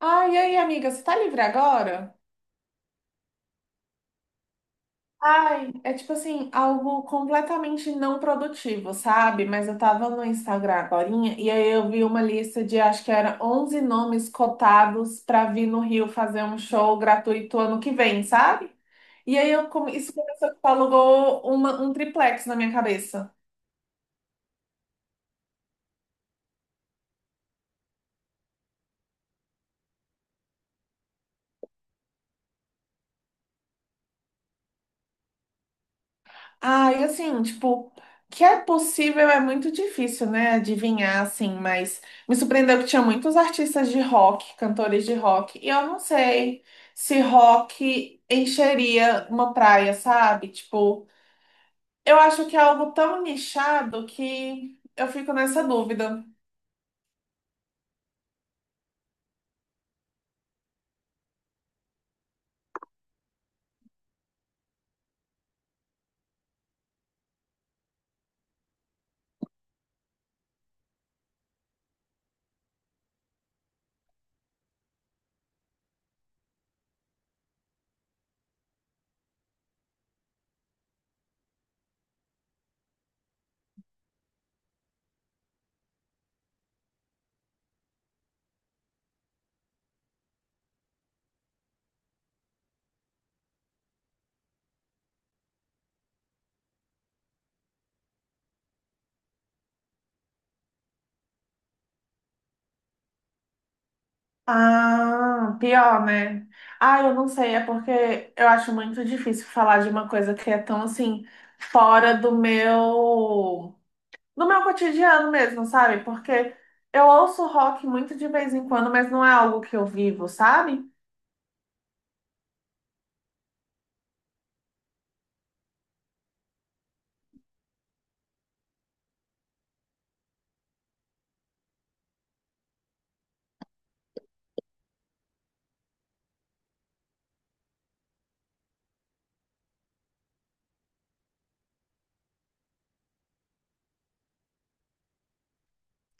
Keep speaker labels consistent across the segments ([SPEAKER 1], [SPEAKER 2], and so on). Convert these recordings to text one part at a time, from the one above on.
[SPEAKER 1] Ai, e aí, amiga, você tá livre agora? É tipo assim, algo completamente não produtivo, sabe? Mas eu tava no Instagram agorinha e aí eu vi uma lista de acho que era 11 nomes cotados pra vir no Rio fazer um show gratuito ano que vem, sabe? E aí isso começou que alugou um triplex na minha cabeça. Ah, e assim, tipo, que é possível é muito difícil, né, adivinhar, assim, mas me surpreendeu que tinha muitos artistas de rock, cantores de rock, e eu não sei se rock encheria uma praia, sabe? Tipo, eu acho que é algo tão nichado que eu fico nessa dúvida. Ah, pior, né? Ah, eu não sei, é porque eu acho muito difícil falar de uma coisa que é tão, assim, fora do meu. No meu cotidiano mesmo, sabe? Porque eu ouço rock muito de vez em quando, mas não é algo que eu vivo, sabe?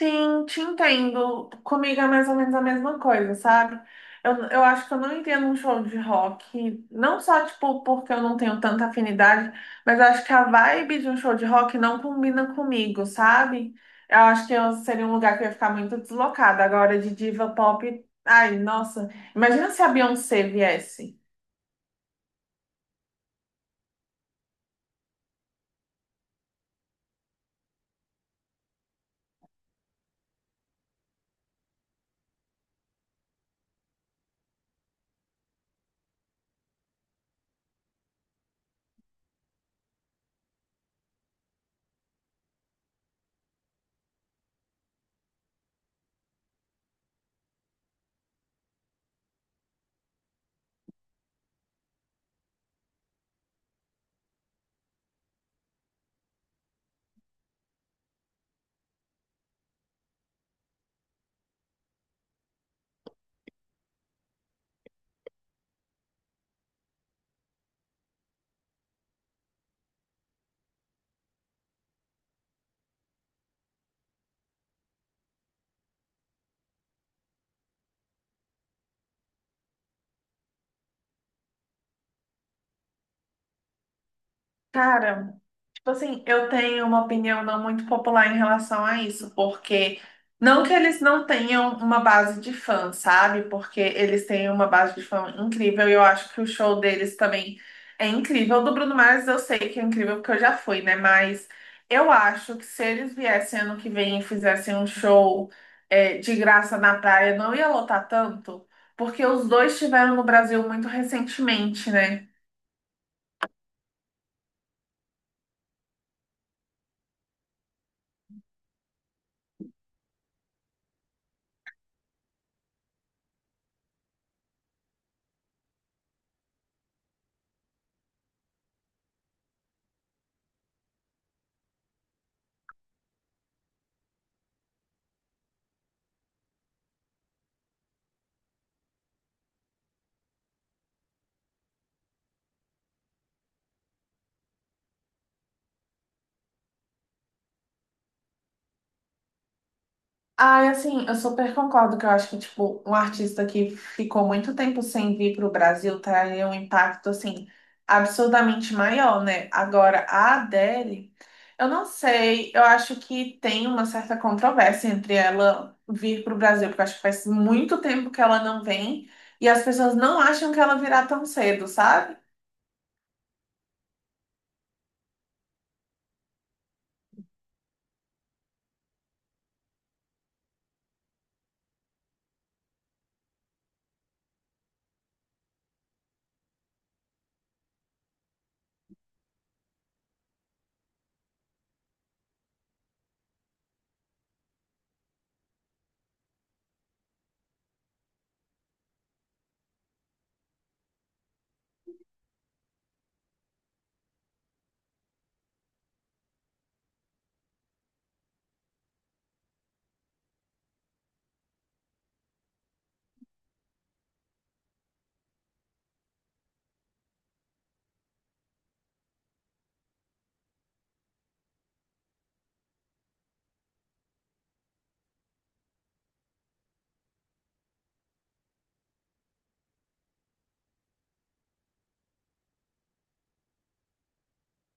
[SPEAKER 1] Sim, te entendo. Comigo é mais ou menos a mesma coisa, sabe? Eu acho que eu não entendo um show de rock, não só, tipo, porque eu não tenho tanta afinidade, mas eu acho que a vibe de um show de rock não combina comigo, sabe? Eu acho que eu seria um lugar que eu ia ficar muito deslocada. Agora, de diva pop, ai, nossa, imagina se a Beyoncé viesse. Cara. Tipo assim, eu tenho uma opinião não muito popular em relação a isso, porque não que eles não tenham uma base de fã, sabe? Porque eles têm uma base de fã incrível e eu acho que o show deles também é incrível. O do Bruno Mars eu sei que é incrível porque eu já fui, né? Mas eu acho que se eles viessem ano que vem e fizessem um show de graça na praia, não ia lotar tanto, porque os dois estiveram no Brasil muito recentemente, né? Ah, assim, eu super concordo que eu acho que, tipo, um artista que ficou muito tempo sem vir para o Brasil traria um impacto, assim, absurdamente maior, né? Agora, a Adele, eu não sei, eu acho que tem uma certa controvérsia entre ela vir para o Brasil, porque eu acho que faz muito tempo que ela não vem e as pessoas não acham que ela virá tão cedo, sabe?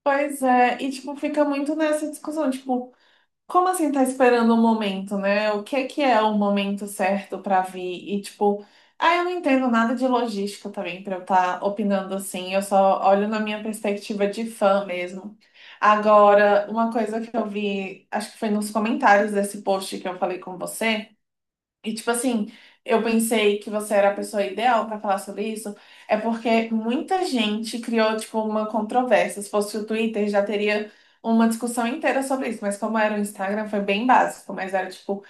[SPEAKER 1] Pois é, e, tipo, fica muito nessa discussão, tipo. Como assim tá esperando o momento, né? O que é o momento certo pra vir? E tipo, ah, eu não entendo nada de logística também pra eu estar opinando assim. Eu só olho na minha perspectiva de fã mesmo. Agora, uma coisa que eu vi, acho que foi nos comentários desse post que eu falei com você. E, tipo assim, eu pensei que você era a pessoa ideal pra falar sobre isso, é porque muita gente criou, tipo, uma controvérsia. Se fosse o Twitter, já teria uma discussão inteira sobre isso, mas como era o Instagram, foi bem básico. Mas era, tipo,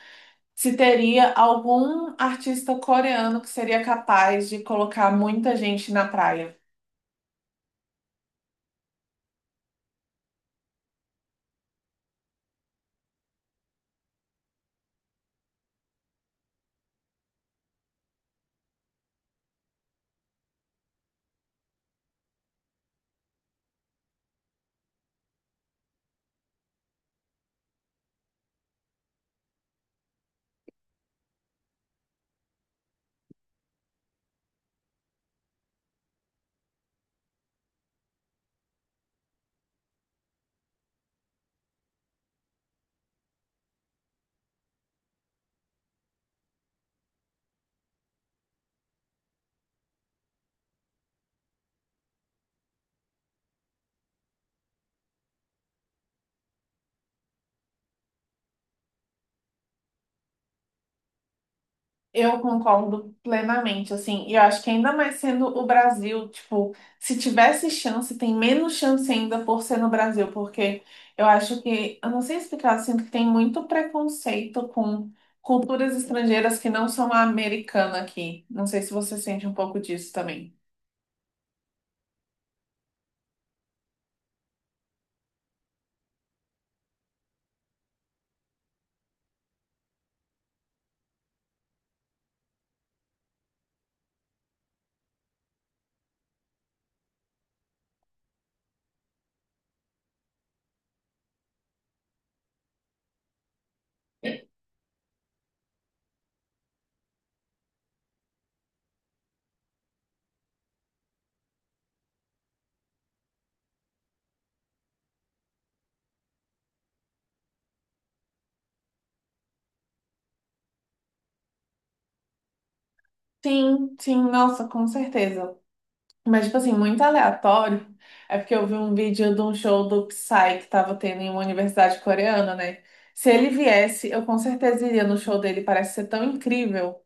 [SPEAKER 1] se teria algum artista coreano que seria capaz de colocar muita gente na praia. Eu concordo plenamente, assim, e eu acho que ainda mais sendo o Brasil, tipo, se tivesse chance, tem menos chance ainda por ser no Brasil, porque eu acho que, eu não sei explicar, eu sinto que tem muito preconceito com culturas estrangeiras que não são a americana aqui. Não sei se você sente um pouco disso também. Sim, sim, nossa, com certeza. Mas, tipo assim, muito aleatório. É porque eu vi um vídeo de um show do Psy que tava tendo em uma universidade coreana, né? Se ele viesse, eu com certeza iria no show dele, parece ser tão incrível.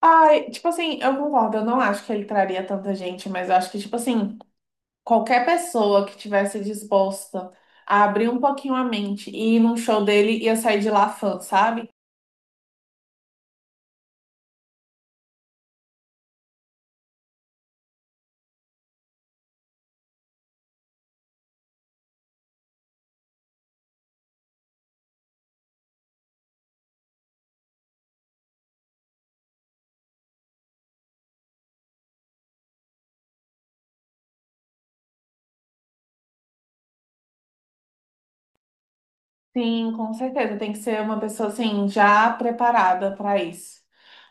[SPEAKER 1] Ai, tipo assim, eu concordo, eu não acho que ele traria tanta gente, mas eu acho que, tipo assim, qualquer pessoa que tivesse disposta a abrir um pouquinho a mente e ir num show dele ia sair de lá fã, sabe? Sim, com certeza. Tem que ser uma pessoa assim, já preparada para isso.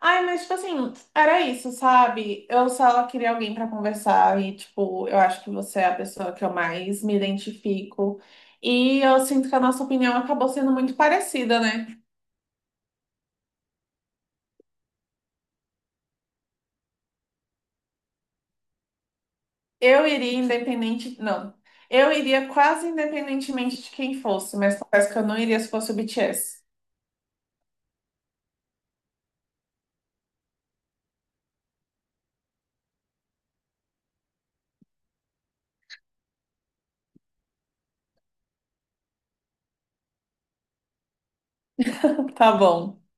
[SPEAKER 1] Ai, mas tipo assim, era isso, sabe? Eu só queria alguém para conversar e, tipo, eu acho que você é a pessoa que eu mais me identifico. E eu sinto que a nossa opinião acabou sendo muito parecida, né? Eu iria independente. Não. Eu iria quase independentemente de quem fosse, mas parece que eu não iria se fosse o BTS. Tá bom.